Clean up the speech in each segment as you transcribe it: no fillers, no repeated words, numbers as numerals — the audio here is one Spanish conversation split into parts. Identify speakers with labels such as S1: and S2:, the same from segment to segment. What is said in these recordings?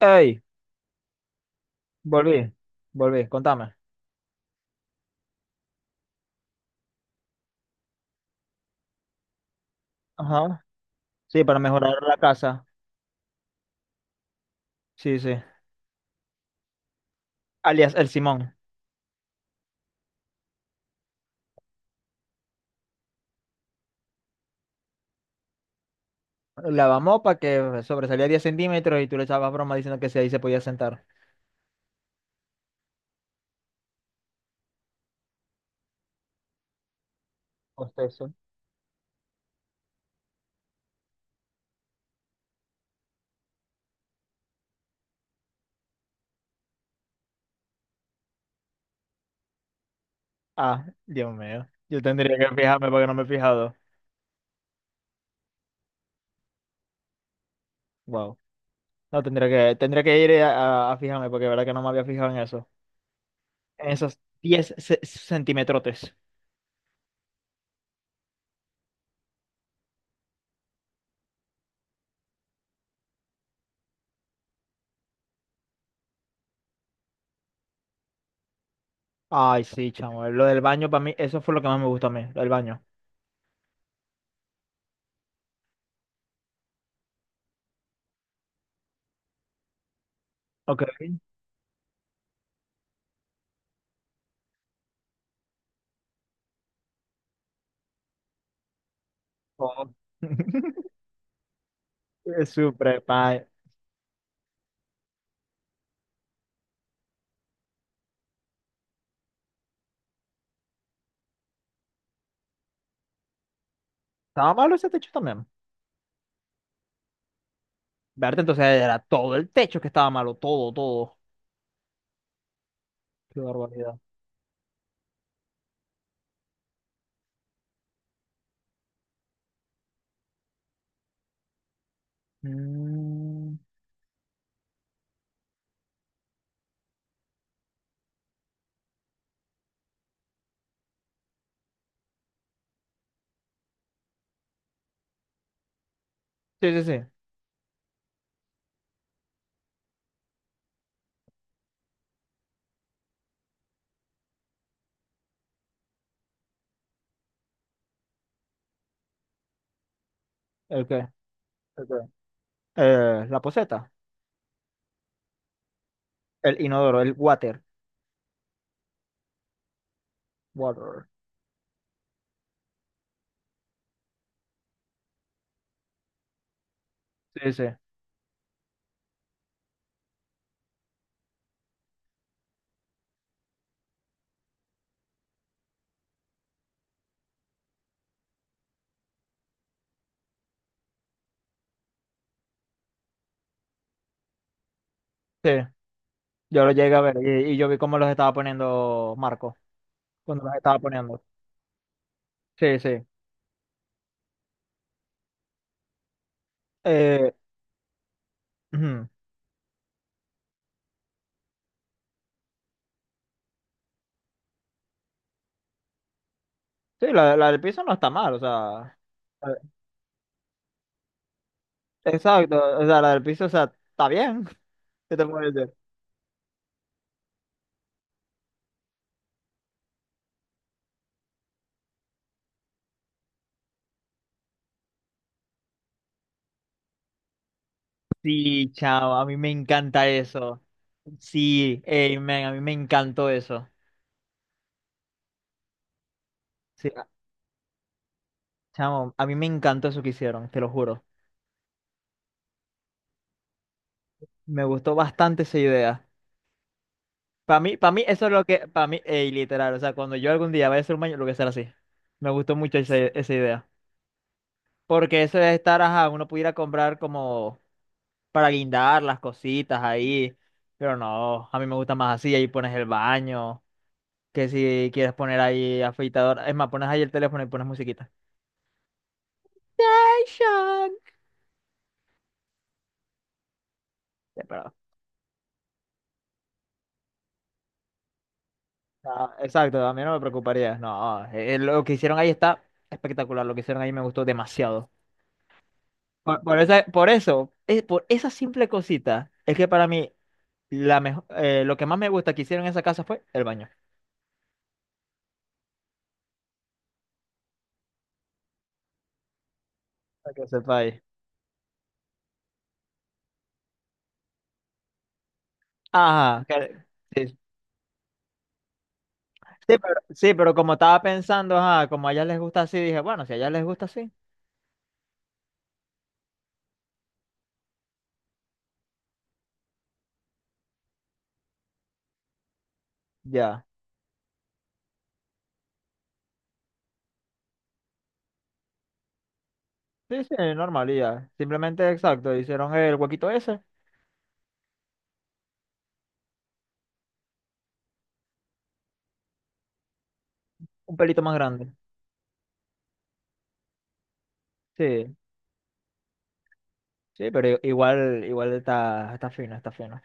S1: Ey, volví, contame. Ajá. Sí, para mejorar la casa. Sí, sí. Alias el Simón. Lavamos para que sobresalía 10 centímetros y tú le echabas broma diciendo que si ahí se podía sentar. Hostia, eso. Ah, Dios mío. Yo tendría que fijarme porque no me he fijado. Wow. No, tendría que ir a fijarme porque la verdad que no me había fijado en eso. En esos 10 centimetrotes. Ay, sí, chamo. Lo del baño para mí, eso fue lo que más me gustó a mí, lo del baño. Ok. Oh. Super. Estaba malo ese techo también. Verte, entonces era todo el techo que estaba malo, todo, todo. Qué barbaridad. Mm, Sí, sí, sí. ¿El qué? ¿El qué? La poseta. El inodoro, el water. Water. Sí, sí. Sí. Yo lo llegué a ver y yo vi cómo los estaba poniendo Marco. Cuando los estaba poniendo. Sí, sí. Eh, ujú. Sí, la del piso no está mal, o sea. eh, Exacto. O sea, o sea, está bien. ¿Qué te puedo decir? Sí, chao, a mí me encanta eso. Sí, ey, man, a mí me encantó eso. Sí, a- chamo, a mí me encantó eso que hicieron, te lo juro. Me gustó bastante esa idea. Para mí eso es lo que, para mí, ey, literal, o sea, cuando yo algún día vaya a ser humano, lo voy a hacer así. Me gustó mucho esa idea. Porque eso de estar, ajá, uno pudiera comprar como para guindar las cositas ahí, pero no, a mí me gusta más así, ahí pones el baño, que si quieres poner ahí afeitador, es más, pones ahí el teléfono y pones musiquita. Sean. Eh, Pero, ah, exacto, a mí no me preocuparía. No, lo que hicieron ahí está espectacular. Lo que hicieron ahí me gustó demasiado. Por eso, por esa simple cosita, es que para mí lo que más me gusta que hicieron en esa casa fue el baño. Para que sepáis. Ajá, que- sí, sí, sí, pero como estaba pensando, ajá, como a ellas les gusta así, dije, bueno, si a ellas les gusta así, ya. Sí, sí, normal, y ya. Simplemente, exacto, hicieron el huequito ese, un pelito más grande. Sí. Sí, pero igual, está fino, está fino.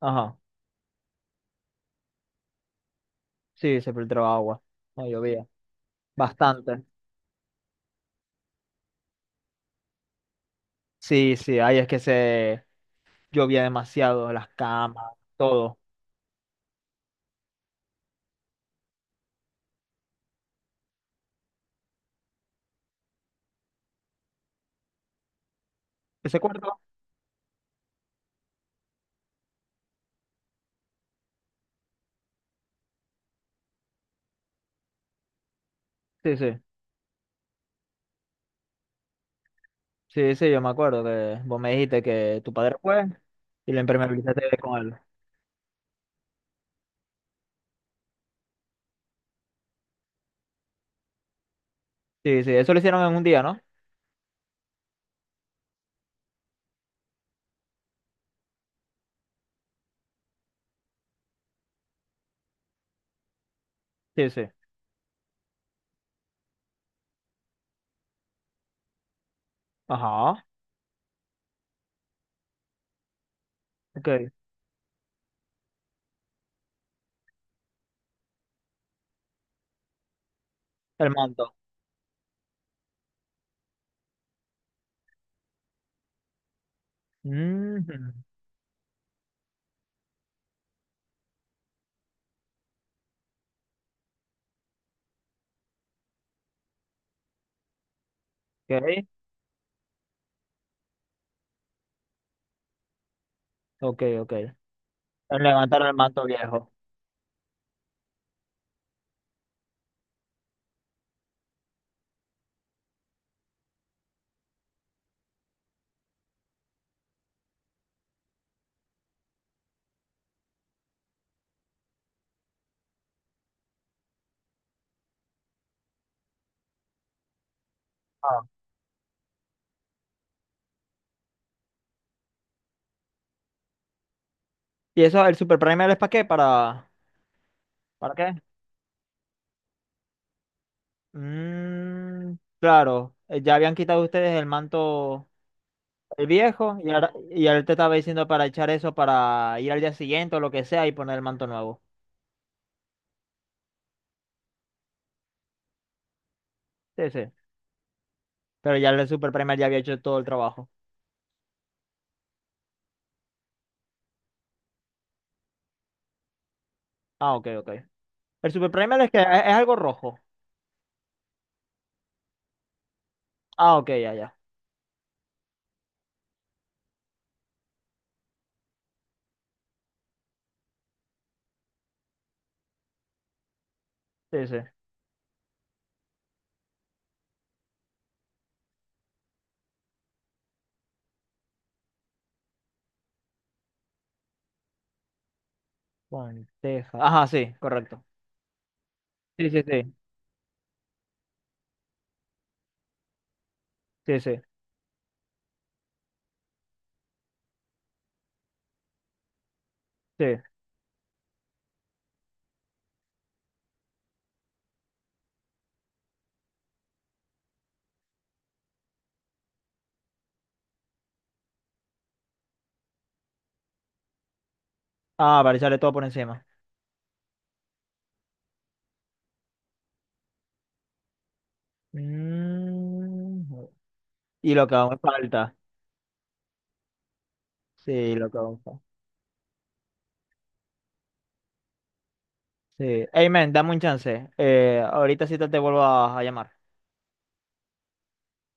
S1: Ajá. Sí, se filtró agua. No llovía. Bastante. Sí, sí, ahí es que se llovía demasiado, las camas, todo. ¿Ese cuarto? Sí, sí. Sí, sí, yo me acuerdo que vos me dijiste que tu padre fue y lo impermeabilizaste con él. Sí, sí, eso lo hicieron en un día, ¿no? Sí, sí. Ajá. Ok. El manto. Ujú. Ok, ok. El levantar el manto viejo. Ah. ¿Y eso, el Super Primer es para qué? ¿Para qué? Mm, claro, ya habían quitado ustedes el manto el viejo y él te estaba diciendo para echar eso para ir al día siguiente o lo que sea y poner el manto nuevo. Sí, sí. Pero ya el Super Primer ya había hecho todo el trabajo. Ah, ok, ok. El Super Primer es que es algo rojo. Ah, ok, ya, ya. Sí, sí. Lenteja. Ajá, sí, correcto. Sí, sí, sí. Sí, sí, sí. Ah, para echarle todo por encima. Mm, y lo que aún falta. Sí, lo que aún falta. Sí. Hey, man, dame un chance. Ahorita sí te vuelvo a llamar.